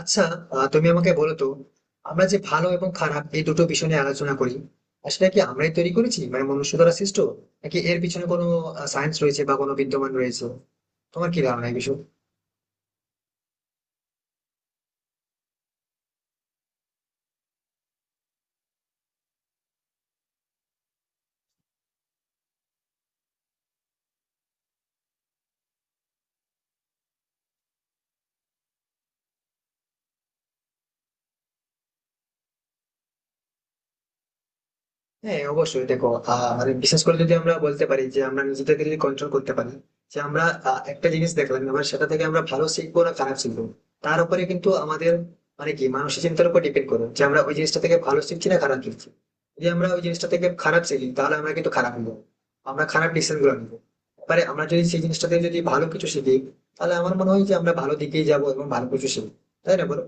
আচ্ছা। তুমি আমাকে বলো তো, আমরা যে ভালো এবং খারাপ এই দুটো বিষয় নিয়ে আলোচনা করি, আসলে কি আমরাই তৈরি করেছি মানে মনুষ্য দ্বারা সৃষ্ট, নাকি এর পিছনে কোনো সায়েন্স রয়েছে বা কোনো বিদ্যমান রয়েছে? তোমার কি ধারণা এই বিষয়ে? হ্যাঁ, অবশ্যই দেখো, মানে বিশেষ করে যদি আমরা বলতে পারি যে আমরা নিজেদেরকে যদি কন্ট্রোল করতে পারি, যে আমরা একটা জিনিস দেখলাম, এবার সেটা থেকে আমরা ভালো শিখবো না খারাপ শিখবো, তার উপরে কিন্তু আমাদের মানে কি মানসিক চিন্তার উপর ডিপেন্ড করবে যে আমরা ওই জিনিসটা থেকে ভালো শিখছি না খারাপ শিখছি। যদি আমরা ওই জিনিসটা থেকে খারাপ শিখি, তাহলে আমরা কিন্তু খারাপ হবো, আমরা খারাপ ডিসিশন গুলো নেবো। এবারে আমরা যদি সেই জিনিসটা থেকে যদি ভালো কিছু শিখি, তাহলে আমার মনে হয় যে আমরা ভালো দিকেই যাবো এবং ভালো কিছু শিখবো। তাই না বলো?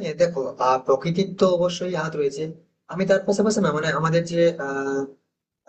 হ্যাঁ দেখো, প্রকৃতির তো অবশ্যই হাত রয়েছে। আমি তার পাশাপাশি না মানে আমাদের যে আহ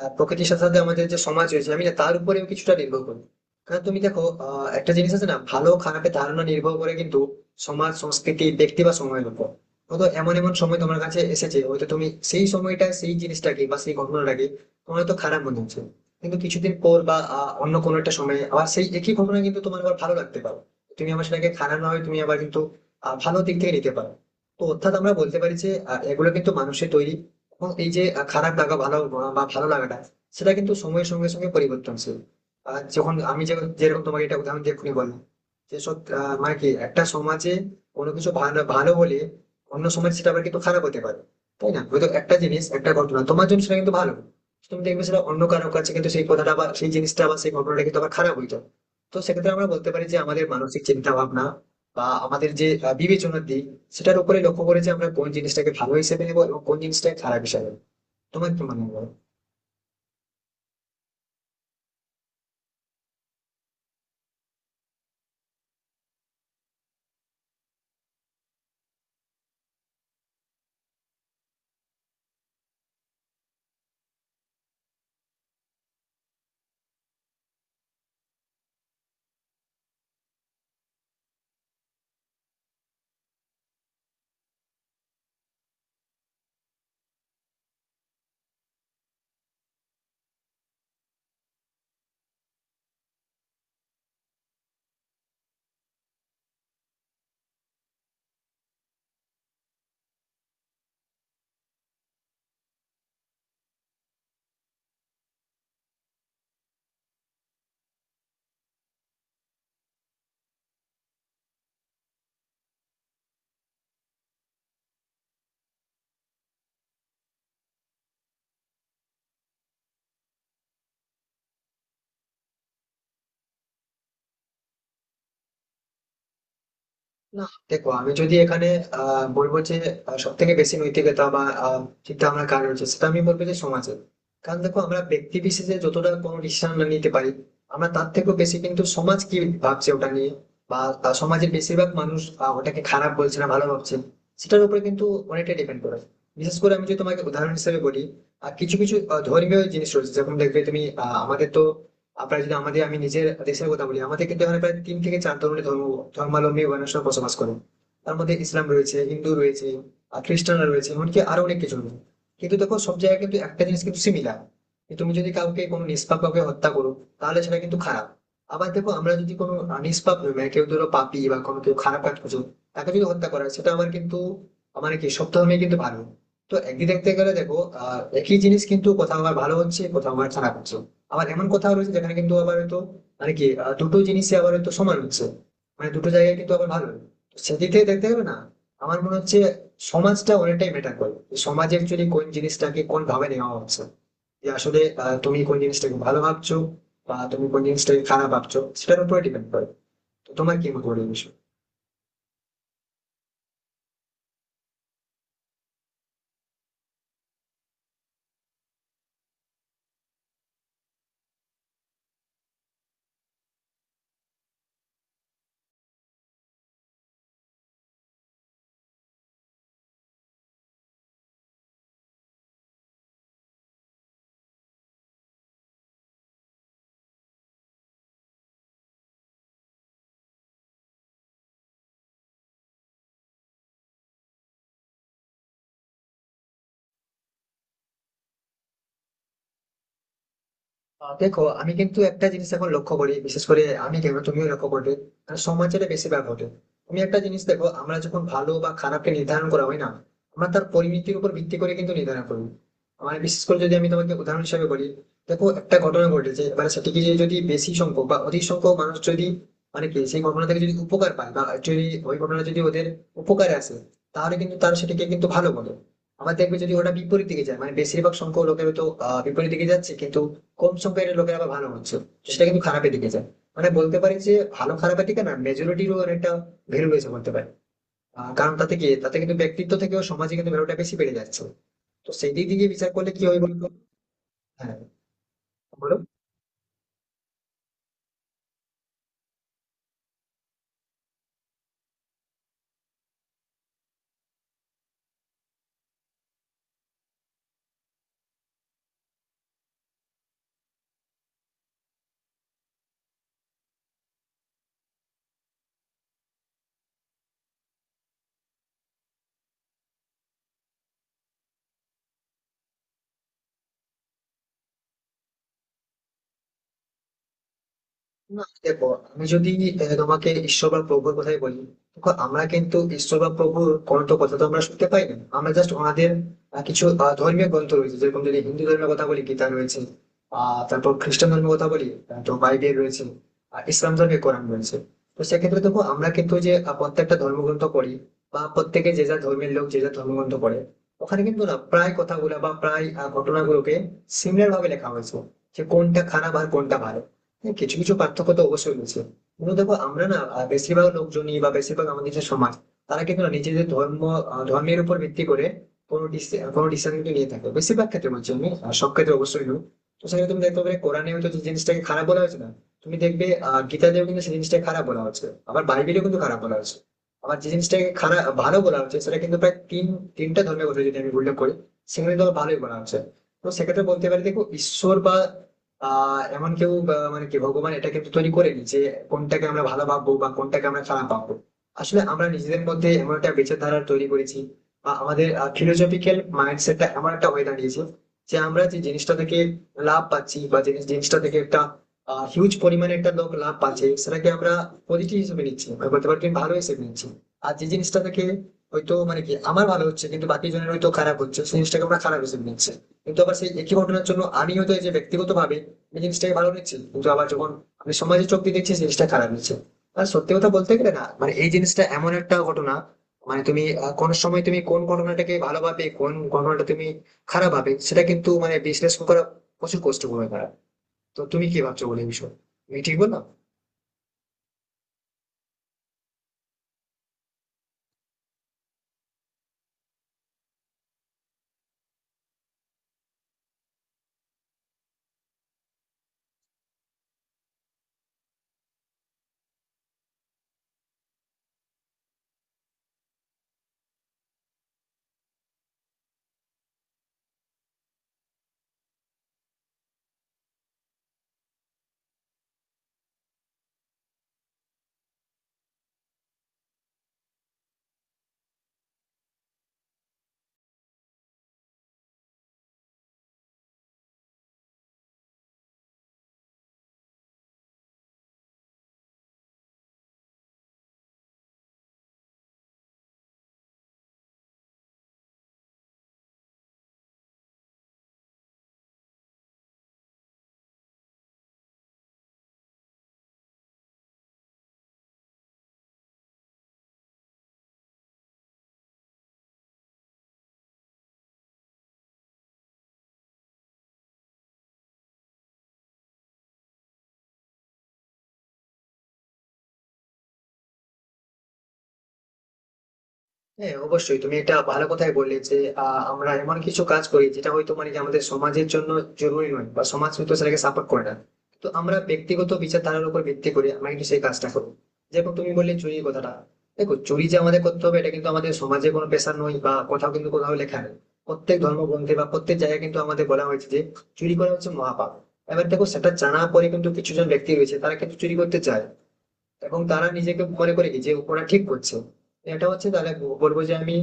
আহ, প্রকৃতির সাথে সাথে আমাদের যে সমাজ রয়েছে, আমি না তার উপরেও কিছুটা নির্ভর করি। কারণ তুমি দেখো, একটা জিনিস আছে না, ভালো খারাপের ধারণা নির্ভর করে কিন্তু সমাজ, সংস্কৃতি, ব্যক্তি বা সময়ের উপর। হয়তো এমন এমন সময় তোমার কাছে এসেছে, হয়তো তুমি সেই সময়টা সেই জিনিসটাকে বা সেই ঘটনাটাকে তোমার হয়তো খারাপ মনে হচ্ছে, কিন্তু কিছুদিন পর বা অন্য কোনো একটা সময়ে আবার সেই একই ঘটনা কিন্তু তোমার আবার ভালো লাগতে পারো। তুমি আবার সেটাকে খারাপ না হয় তুমি আবার কিন্তু ভালো দিক থেকে নিতে পারো। তো অর্থাৎ আমরা বলতে পারি যে এগুলো কিন্তু মানুষের তৈরি। এবং এই যে খারাপ লাগা ভালো বা ভালো লাগাটা, সেটা কিন্তু সময়ের সঙ্গে সঙ্গে পরিবর্তনশীল। আর যখন আমি যেরকম তোমাকে এটা উদাহরণ দিয়ে এক্ষুনি বললাম, যে সব মানে কি একটা সমাজে কোনো কিছু ভালো ভালো হলে, অন্য সমাজ সেটা আবার কিন্তু খারাপ হতে পারে। তাই না, হয়তো একটা জিনিস একটা ঘটনা তোমার জন্য সেটা কিন্তু ভালো, তুমি দেখবে সেটা অন্য কারো কাছে কিন্তু সেই কথাটা বা সেই জিনিসটা বা সেই ঘটনাটা কিন্তু আবার খারাপ হইতো। তো সেক্ষেত্রে আমরা বলতে পারি যে আমাদের মানসিক চিন্তা ভাবনা বা আমাদের যে বিবেচনার দিক, সেটার উপরে লক্ষ্য করে যে আমরা কোন জিনিসটাকে ভালো হিসেবে নেবো এবং কোন জিনিসটাকে খারাপ হিসেবে নেবো। তোমার কি মনে হয়? না, দেখো, আমি যদি এখানে বলবো যে সব থেকে বেশি নৈতিকতা বা চিন্তা ভাবনা কার রয়েছে, সেটা আমি বলবো যে সমাজের। কারণ দেখো, আমরা ব্যক্তি বিশেষে যতটা কোনো ডিসিশন নিতে পারি, আমরা তার থেকেও বেশি কিন্তু সমাজ কি ভাবছে ওটা নিয়ে, বা সমাজের বেশিরভাগ মানুষ ওটাকে খারাপ বলছে না ভালো ভাবছে, সেটার উপরে কিন্তু অনেকটা ডিপেন্ড করে। বিশেষ করে আমি যদি তোমাকে উদাহরণ হিসেবে বলি, কিছু কিছু ধর্মীয় জিনিস রয়েছে, যেমন দেখবে তুমি, আমাদের তো প্রায় যদি আমাদের আমি নিজের দেশের কথা বলি, আমাদের কিন্তু এখানে প্রায় তিন থেকে চার ধরনের ধর্ম ধর্মাবলম্বী মানুষরা বসবাস করে। তার মধ্যে ইসলাম রয়েছে, হিন্দু রয়েছে, আর খ্রিস্টানরা রয়েছে, এমনকি আরো অনেক কিছু রয়েছে। কিন্তু দেখো, সব জায়গায় কিন্তু একটা জিনিস কিন্তু সিমিলার। তুমি যদি কাউকে কোনো নিষ্পাপ কাউকে হত্যা করো, তাহলে সেটা কিন্তু খারাপ। আবার দেখো, আমরা যদি কোনো নিষ্পাপ নই মানে কেউ ধরো পাপী বা কোনো কেউ খারাপ কাজ করছো, তাকে যদি হত্যা করা হয়, সেটা আমার কিন্তু মানে কি সব ধর্মে কিন্তু ভালো। তো একদিকে দেখতে গেলে দেখো, একই জিনিস কিন্তু কোথাও আমার ভালো হচ্ছে, কোথাও আমার খারাপ হচ্ছে। আবার এমন কোথাও রয়েছে যেখানে কিন্তু আবার হয়তো মানে কি দুটো জিনিসে আবার হয়তো সমান হচ্ছে, মানে দুটো জায়গায় কিন্তু আবার ভালো। তো সেদিক থেকে দেখতে হবে না, আমার মনে হচ্ছে সমাজটা অনেকটাই ম্যাটার করে, যে সমাজে অ্যাকচুয়ালি কোন জিনিসটাকে কোন ভাবে নেওয়া হচ্ছে, যে আসলে তুমি কোন জিনিসটাকে ভালো ভাবছো বা তুমি কোন জিনিসটাকে খারাপ ভাবছো, সেটার উপরে ডিপেন্ড করে। তো তোমার কি মত বলে এই বিষয়ে? দেখো, আমি কিন্তু একটা জিনিস এখন লক্ষ্য করি, বিশেষ করে আমি কেন, তুমিও লক্ষ্য করবে, কারণ সমাজের বেশিরভাগ ঘটে। তুমি একটা জিনিস দেখো, আমরা যখন ভালো বা খারাপকে নির্ধারণ করা হয় না, আমরা তার পরিণতির উপর ভিত্তি করে কিন্তু নির্ধারণ করি। মানে বিশেষ করে যদি আমি তোমাকে উদাহরণ হিসেবে বলি, দেখো, একটা ঘটনা ঘটেছে, এবার সেটিকে যে যদি বেশি সংখ্যক বা অধিক সংখ্যক মানুষ যদি মানে কি সেই ঘটনা থেকে যদি উপকার পায়, বা যদি ওই ঘটনা যদি ওদের উপকারে আসে, তাহলে কিন্তু তারা সেটিকে কিন্তু ভালো বলে। আবার দেখবে যদি ওটা বিপরীত দিকে যায়, মানে বেশিরভাগ সংখ্যক লোকের তো বিপরীত দিকে যাচ্ছে, কিন্তু কম সংখ্যার লোকের আবার ভালো হচ্ছে, সেটা কিন্তু খারাপের দিকে যায়। মানে বলতে পারি যে ভালো খারাপের দিকে না, মেজরিটিরও একটা ভ্যালু রয়েছে বলতে পারি। কারণ তাতে কি তাতে কিন্তু ব্যক্তিত্ব থেকেও সমাজে কিন্তু ভ্যালুটা বেশি বেড়ে যাচ্ছে। তো সেই দিক দিয়ে বিচার করলে কি হয় বলতো? হ্যাঁ, বলো। না, দেখো, আমি যদি তোমাকে ঈশ্বর বা প্রভুর কথাই বলি, দেখো আমরা কিন্তু ঈশ্বর বা প্রভুর কোনো তো কথা তো আমরা শুনতে পাই না, আমরা জাস্ট ওনাদের কিছু ধর্মীয় গ্রন্থ রয়েছে, যেরকম যদি হিন্দু ধর্মের কথা বলি গীতা রয়েছে, তারপর খ্রিস্টান ধর্মের কথা বলি, তো বাইবেল রয়েছে, আর ইসলাম ধর্মে কোরআন রয়েছে। তো সেক্ষেত্রে দেখো, আমরা কিন্তু যে প্রত্যেকটা ধর্মগ্রন্থ পড়ি বা প্রত্যেকে যে যা ধর্মের লোক যে যা ধর্মগ্রন্থ পড়ে, ওখানে কিন্তু না প্রায় কথাগুলা বা প্রায় ঘটনাগুলোকে সিমিলার ভাবে লেখা হয়েছে, যে কোনটা খারাপ আর কোনটা ভালো। হ্যাঁ, কিছু কিছু পার্থক্য তো অবশ্যই রয়েছে, কিন্তু দেখো আমরা না বেশিরভাগ লোকজনই বা বেশিরভাগ আমাদের যে সমাজ, তারা কিন্তু না নিজেদের ধর্ম ধর্মের উপর ভিত্তি করে কোনো ডিসিশন কিন্তু নিয়ে থাকে বেশিরভাগ ক্ষেত্রে বলছি আমি, সব ক্ষেত্রে অবশ্যই নয়। তো সেখানে তুমি দেখতে পাবে কোরআনে হয়তো যে জিনিসটাকে খারাপ বলা হয়েছে না, তুমি দেখবে গীতাতেও কিন্তু সেই জিনিসটাকে খারাপ বলা হচ্ছে, আবার বাইবেলেও কিন্তু খারাপ বলা হচ্ছে। আবার যে জিনিসটাকে খারাপ ভালো বলা হচ্ছে, সেটা কিন্তু প্রায় তিনটা ধর্মের কথা যদি আমি উল্লেখ করি, সেখানে তো ভালোই বলা হচ্ছে। তো সেক্ষেত্রে বলতে পারি দেখো, ঈশ্বর বা এমন কেউ মানে কি ভগবান এটা কিন্তু তৈরি করেনি যে কোনটাকে আমরা ভালো ভাববো বা কোনটাকে আমরা খারাপ ভাববো। আসলে আমরা নিজেদের মধ্যে এমন একটা বিচারধারা তৈরি করেছি, বা আমাদের ফিলোসফিক্যাল মাইন্ডসেটটা এমন একটা হয়ে দাঁড়িয়েছে, যে আমরা যে জিনিসটা থেকে লাভ পাচ্ছি, বা যে জিনিসটা থেকে একটা হিউজ পরিমাণে একটা লোক লাভ পাচ্ছে, সেটাকে আমরা পজিটিভ হিসেবে নিচ্ছি, বা বলতে পারি ভালো হিসেবে নিচ্ছি। আর যে জিনিসটা থেকে হয়তো মানে কি আমার ভালো হচ্ছে, কিন্তু বাকি জনের হয়তো খারাপ হচ্ছে, সেই জিনিসটাকে আমরা খারাপ হিসেবে নিচ্ছি। কিন্তু আবার সেই একই ঘটনার জন্য আমি হয়তো এই যে ব্যক্তিগত ভাবে আমি জিনিসটাকে ভালো দেখছি, কিন্তু আবার যখন আমি সমাজে চোখ দিয়ে দেখছি জিনিসটা খারাপ হচ্ছে। আর সত্যি কথা বলতে গেলে না, মানে এই জিনিসটা এমন একটা ঘটনা মানে তুমি কোন সময় তুমি কোন ঘটনাটাকে ভালো ভাবে কোন ঘটনাটা তুমি খারাপ ভাবে, সেটা কিন্তু মানে বিশ্লেষণ করা প্রচুর কষ্টকর ব্যাপার। তো তুমি কি ভাবছো বলে এই বিষয়ে? আমি ঠিক বললাম? হ্যাঁ, অবশ্যই তুমি এটা ভালো কথাই বললে যে আমরা এমন কিছু কাজ করি যেটা হয়তো মানে কি আমাদের সমাজের জন্য জরুরি নয়, বা সমাজ হয়তো সেটাকে সাপোর্ট করে না। তো আমরা ব্যক্তিগত বিচারধারার উপর ভিত্তি করে আমরা কিন্তু সেই কাজটা করবো, যেরকম তুমি বললে চুরির কথাটা। দেখো, চুরি যে আমাদের করতে হবে এটা কিন্তু আমাদের সমাজে কোনো পেশা নয়, বা কোথাও কিন্তু কোথাও লেখা নেই। প্রত্যেক ধর্মগ্রন্থে বা প্রত্যেক জায়গায় কিন্তু আমাদের বলা হয়েছে যে চুরি করা হচ্ছে মহাপাপ। এবার দেখো সেটা জানা পরে কিন্তু কিছু জন ব্যক্তি রয়েছে, তারা কিন্তু চুরি করতে চায়, এবং তারা নিজেকে মনে করে কি যে ওরা ঠিক করছে। এটা হচ্ছে তাহলে বলবো যে আমি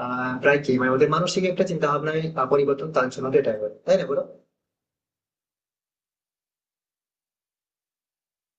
প্রায় কি মানে ওদের মানসিক একটা চিন্তা ভাবনায় পরিবর্তন, তার জন্য তো এটাই বলে, তাই না বলো?